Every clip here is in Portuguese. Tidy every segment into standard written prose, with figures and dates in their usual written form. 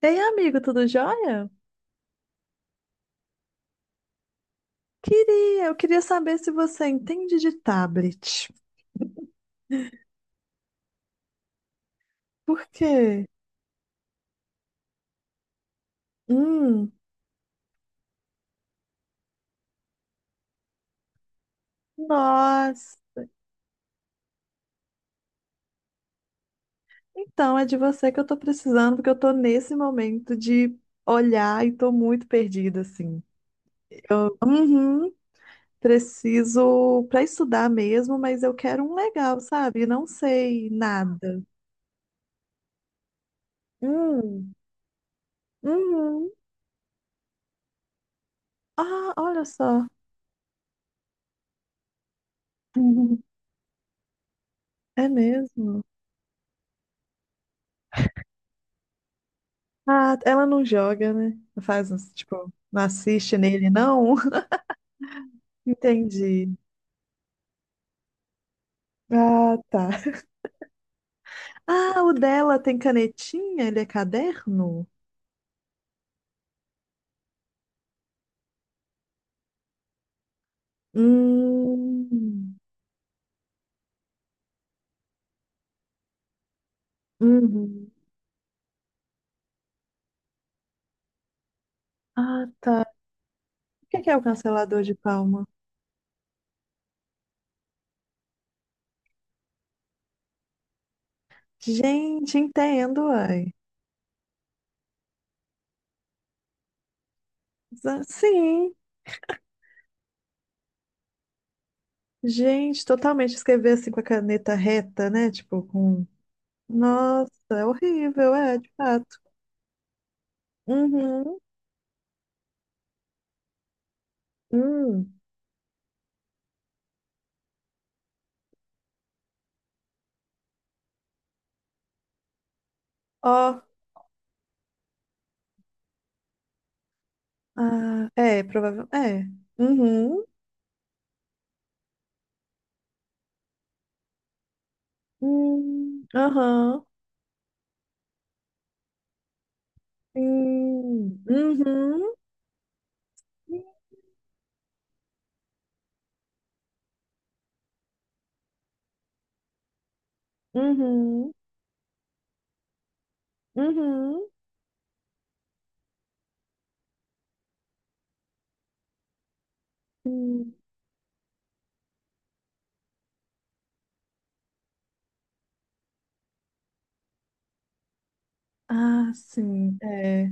Ei, amigo, tudo jóia? Queria, eu queria saber se você entende de tablet. Por quê? Hum. Nós. Então, é de você que eu tô precisando, porque eu tô nesse momento de olhar e tô muito perdida, assim. Uhum. Preciso para estudar mesmo, mas eu quero um legal, sabe? Não sei nada. Hum. Uhum. Ah, olha só. É mesmo? Ah, ela não joga, né? Não faz, tipo, não assiste nele, não? Entendi. Ah, tá. Ah, o dela tem canetinha? Ele é caderno? Hum. Uhum. Ah, tá. O que que é o cancelador de palma? Gente, entendo, ai. Sim, gente, totalmente escrever assim com a caneta reta, né? Tipo, com. Nossa, é horrível, é, de fato. Uhum. Hum. Ó. Ah, é, provável. É. Uhum. Hum. Aham. Hum. Uhum. Uhum. Uhum. Hum. Ah, sim. É.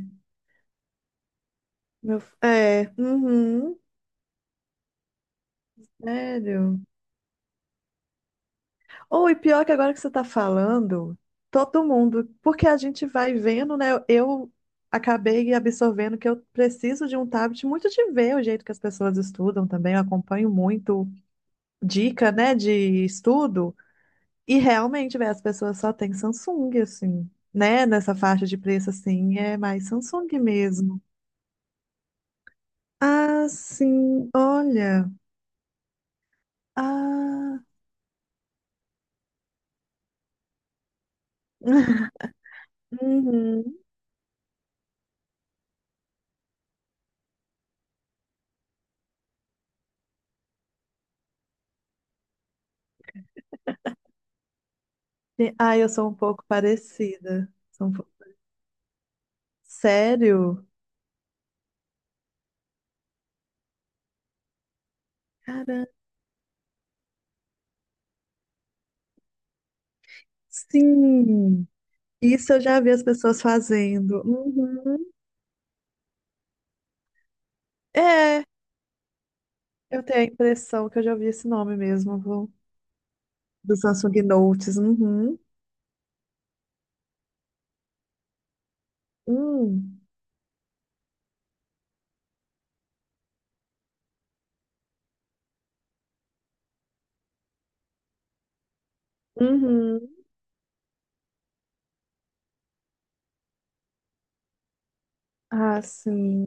Meu, é. Uhum. Sério. Ou e pior que agora que você tá falando, todo mundo, porque a gente vai vendo, né? Eu acabei absorvendo que eu preciso de um tablet muito de ver o jeito que as pessoas estudam também. Eu acompanho muito dica, né, de estudo. E realmente, velho, as pessoas só têm Samsung, assim, né? Nessa faixa de preço, assim, é mais Samsung mesmo. Ah, sim, olha. Ah. Uhum. Sim. Ah, eu sou um pouco parecida. Sou um pouco- Sério? Cara, sim. Isso eu já vi as pessoas fazendo. Uhum. É, eu tenho a impressão que eu já ouvi esse nome mesmo, viu? Do Samsung Notes. Uhum. Hum. Uhum. Ah, sim.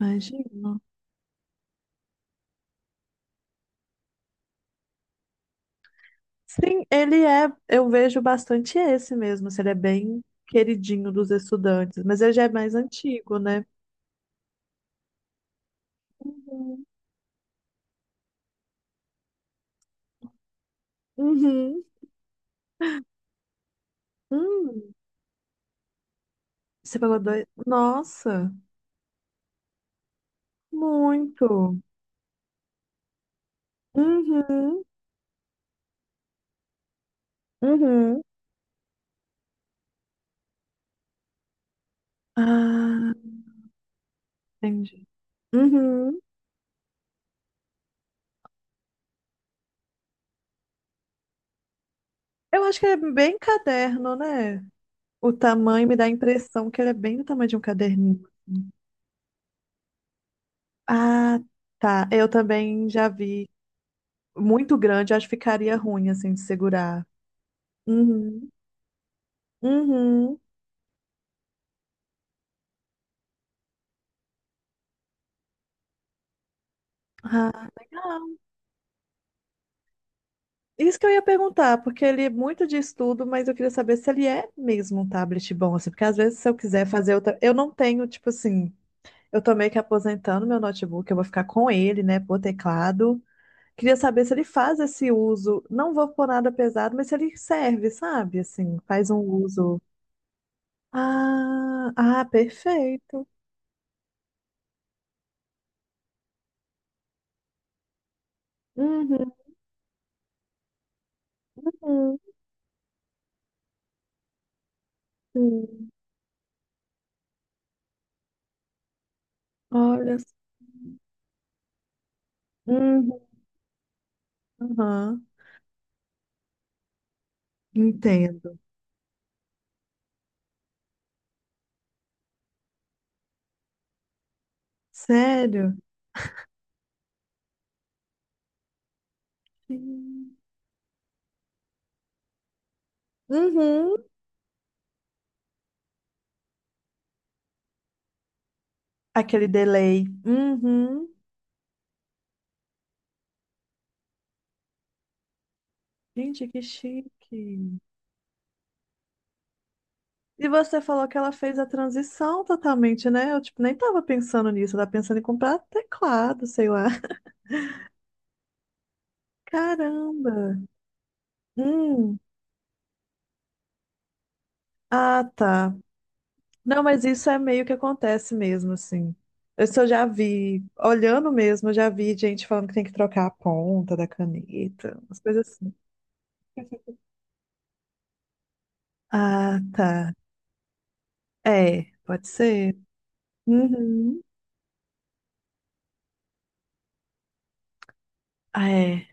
Imagino. Sim, ele é, eu vejo bastante esse mesmo, assim, ele é bem queridinho dos estudantes, mas ele já é mais antigo, né? Uhum. Uhum. Hum, você pagou dois? Nossa, muito. Uhum. Uhum. Ah, entendi. Uhum. Eu acho que ele é bem caderno, né? O tamanho me dá a impressão que ele é bem do tamanho de um caderninho. Ah, tá. Eu também já vi muito grande, acho que ficaria ruim assim de segurar. Uhum. Uhum. Ah, legal. Isso que eu ia perguntar, porque ele é muito de estudo, mas eu queria saber se ele é mesmo um tablet bom, assim, porque às vezes se eu quiser fazer outra. Eu não tenho, tipo assim, eu tô meio que aposentando meu notebook, eu vou ficar com ele, né, por teclado. Queria saber se ele faz esse uso. Não vou pôr nada pesado, mas se ele serve, sabe? Assim, faz um uso. Ah, ah, perfeito. Uhum. Uhum. Uhum. Olha. Uhum. Uhum. Entendo. Sério? Sim. Uhum. Aquele delay. Uhum. Gente, que chique. E você falou que ela fez a transição totalmente, né? Eu, tipo, nem tava pensando nisso. Eu tava pensando em comprar teclado, sei lá. Caramba. Hum. Ah, tá. Não, mas isso é meio que acontece mesmo, assim. Isso eu já vi, olhando mesmo, eu já vi gente falando que tem que trocar a ponta da caneta, umas coisas assim. Ah, tá. É, pode ser. Uhum. Ah, é.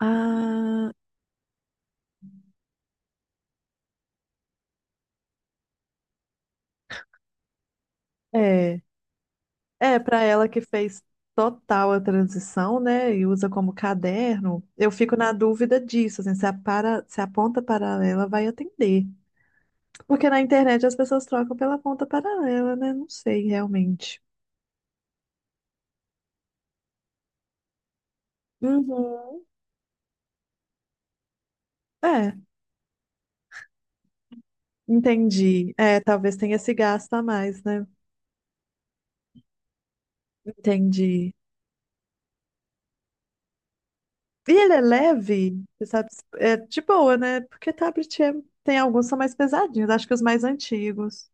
Ah, é. É, para ela que fez total a transição, né? E usa como caderno, eu fico na dúvida disso, assim, se a ponta paralela vai atender. Porque na internet as pessoas trocam pela ponta paralela, né? Não sei realmente. Uhum. É, entendi. É, talvez tenha esse gasto a mais, né? Entendi. E ele é leve, você sabe, é de boa, né? Porque tem alguns que são mais pesadinhos, acho que os mais antigos.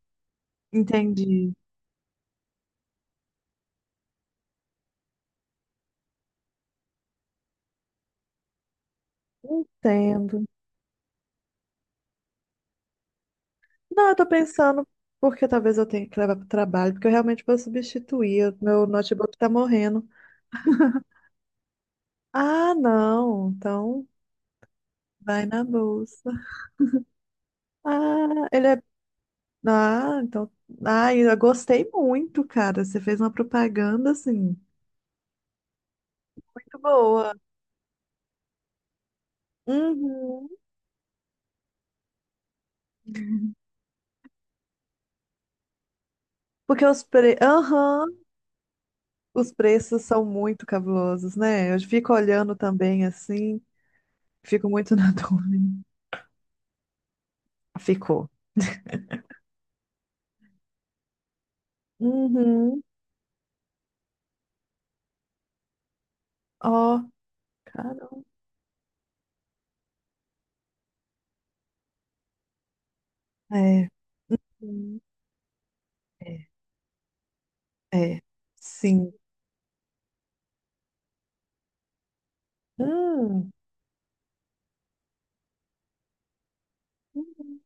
Entendi. Entendo. Não, eu tô pensando porque talvez eu tenha que levar pro trabalho, porque eu realmente vou substituir. Meu notebook tá morrendo. Ah, não. Então vai na bolsa. Ah, ele é. Ah, então. Ah, eu gostei muito, cara. Você fez uma propaganda assim, muito boa. Uhum. Aham, os preços são muito cabulosos, né? Eu fico olhando também assim, fico muito na dúvida. Ficou. Uhum. Ó, caramba. É. Sim. É, é. Sim. Hum. Uhum.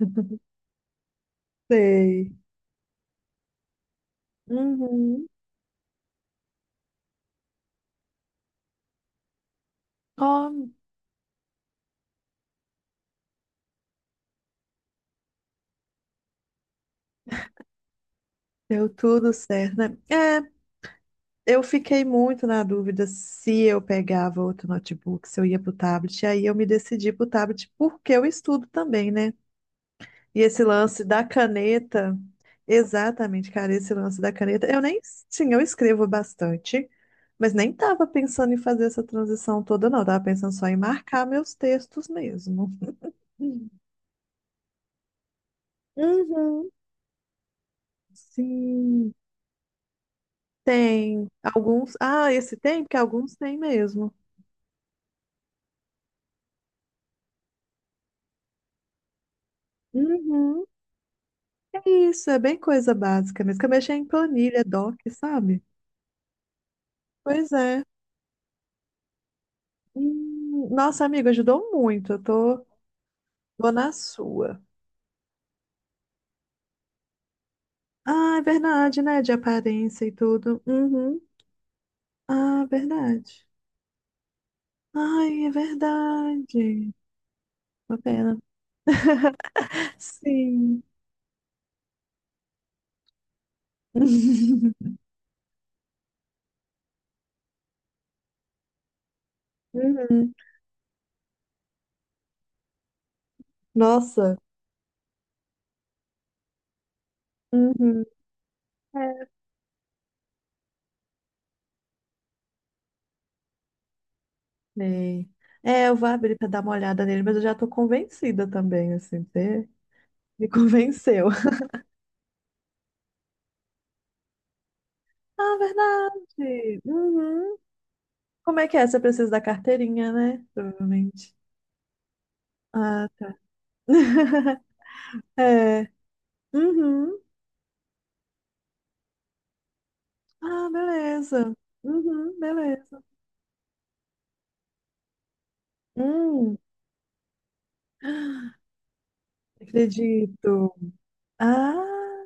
Sei. Uhum. Ó, deu tudo certo, né? É, eu fiquei muito na dúvida se eu pegava outro notebook, se eu ia pro tablet. E aí eu me decidi pro tablet porque eu estudo também, né? E esse lance da caneta, exatamente, cara, esse lance da caneta, eu nem tinha, eu escrevo bastante, mas nem tava pensando em fazer essa transição toda, não. Eu tava pensando só em marcar meus textos mesmo. Uhum. Sim, tem alguns. Ah, esse tem, porque alguns tem mesmo. Uhum. É isso, é bem coisa básica mesmo. Que eu mexi em planilha, doc, sabe? Pois é. Nossa, amiga, ajudou muito. Eu tô na sua. Ah, é verdade, né? De aparência e tudo. Uhum. Ah, verdade. Ai, é verdade. Uma pena. Sim. Uhum. Nossa. Uhum. É. É, eu vou abrir pra dar uma olhada nele, mas eu já tô convencida também, assim, você me convenceu. Ah, verdade. Uhum. Como é que é? Você precisa da carteirinha, né? Provavelmente. Ah, tá. É. Uhum. Ah, beleza. Uhum. Beleza. Hum, acredito. Ah.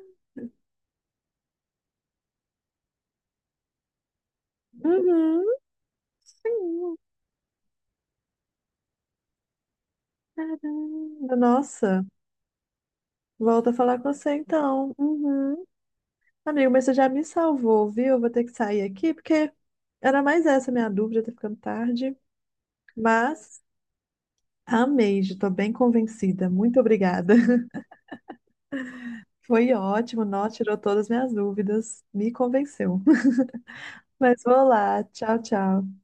Uhum. Sim. Caramba, nossa. Volto a falar com você então. Uhum. Amigo, mas você já me salvou, viu? Eu vou ter que sair aqui, porque era mais essa minha dúvida, tá ficando tarde. Mas amei, já tô bem convencida. Muito obrigada. Foi ótimo, nó, tirou todas as minhas dúvidas, me convenceu. Mas vou lá. Tchau, tchau.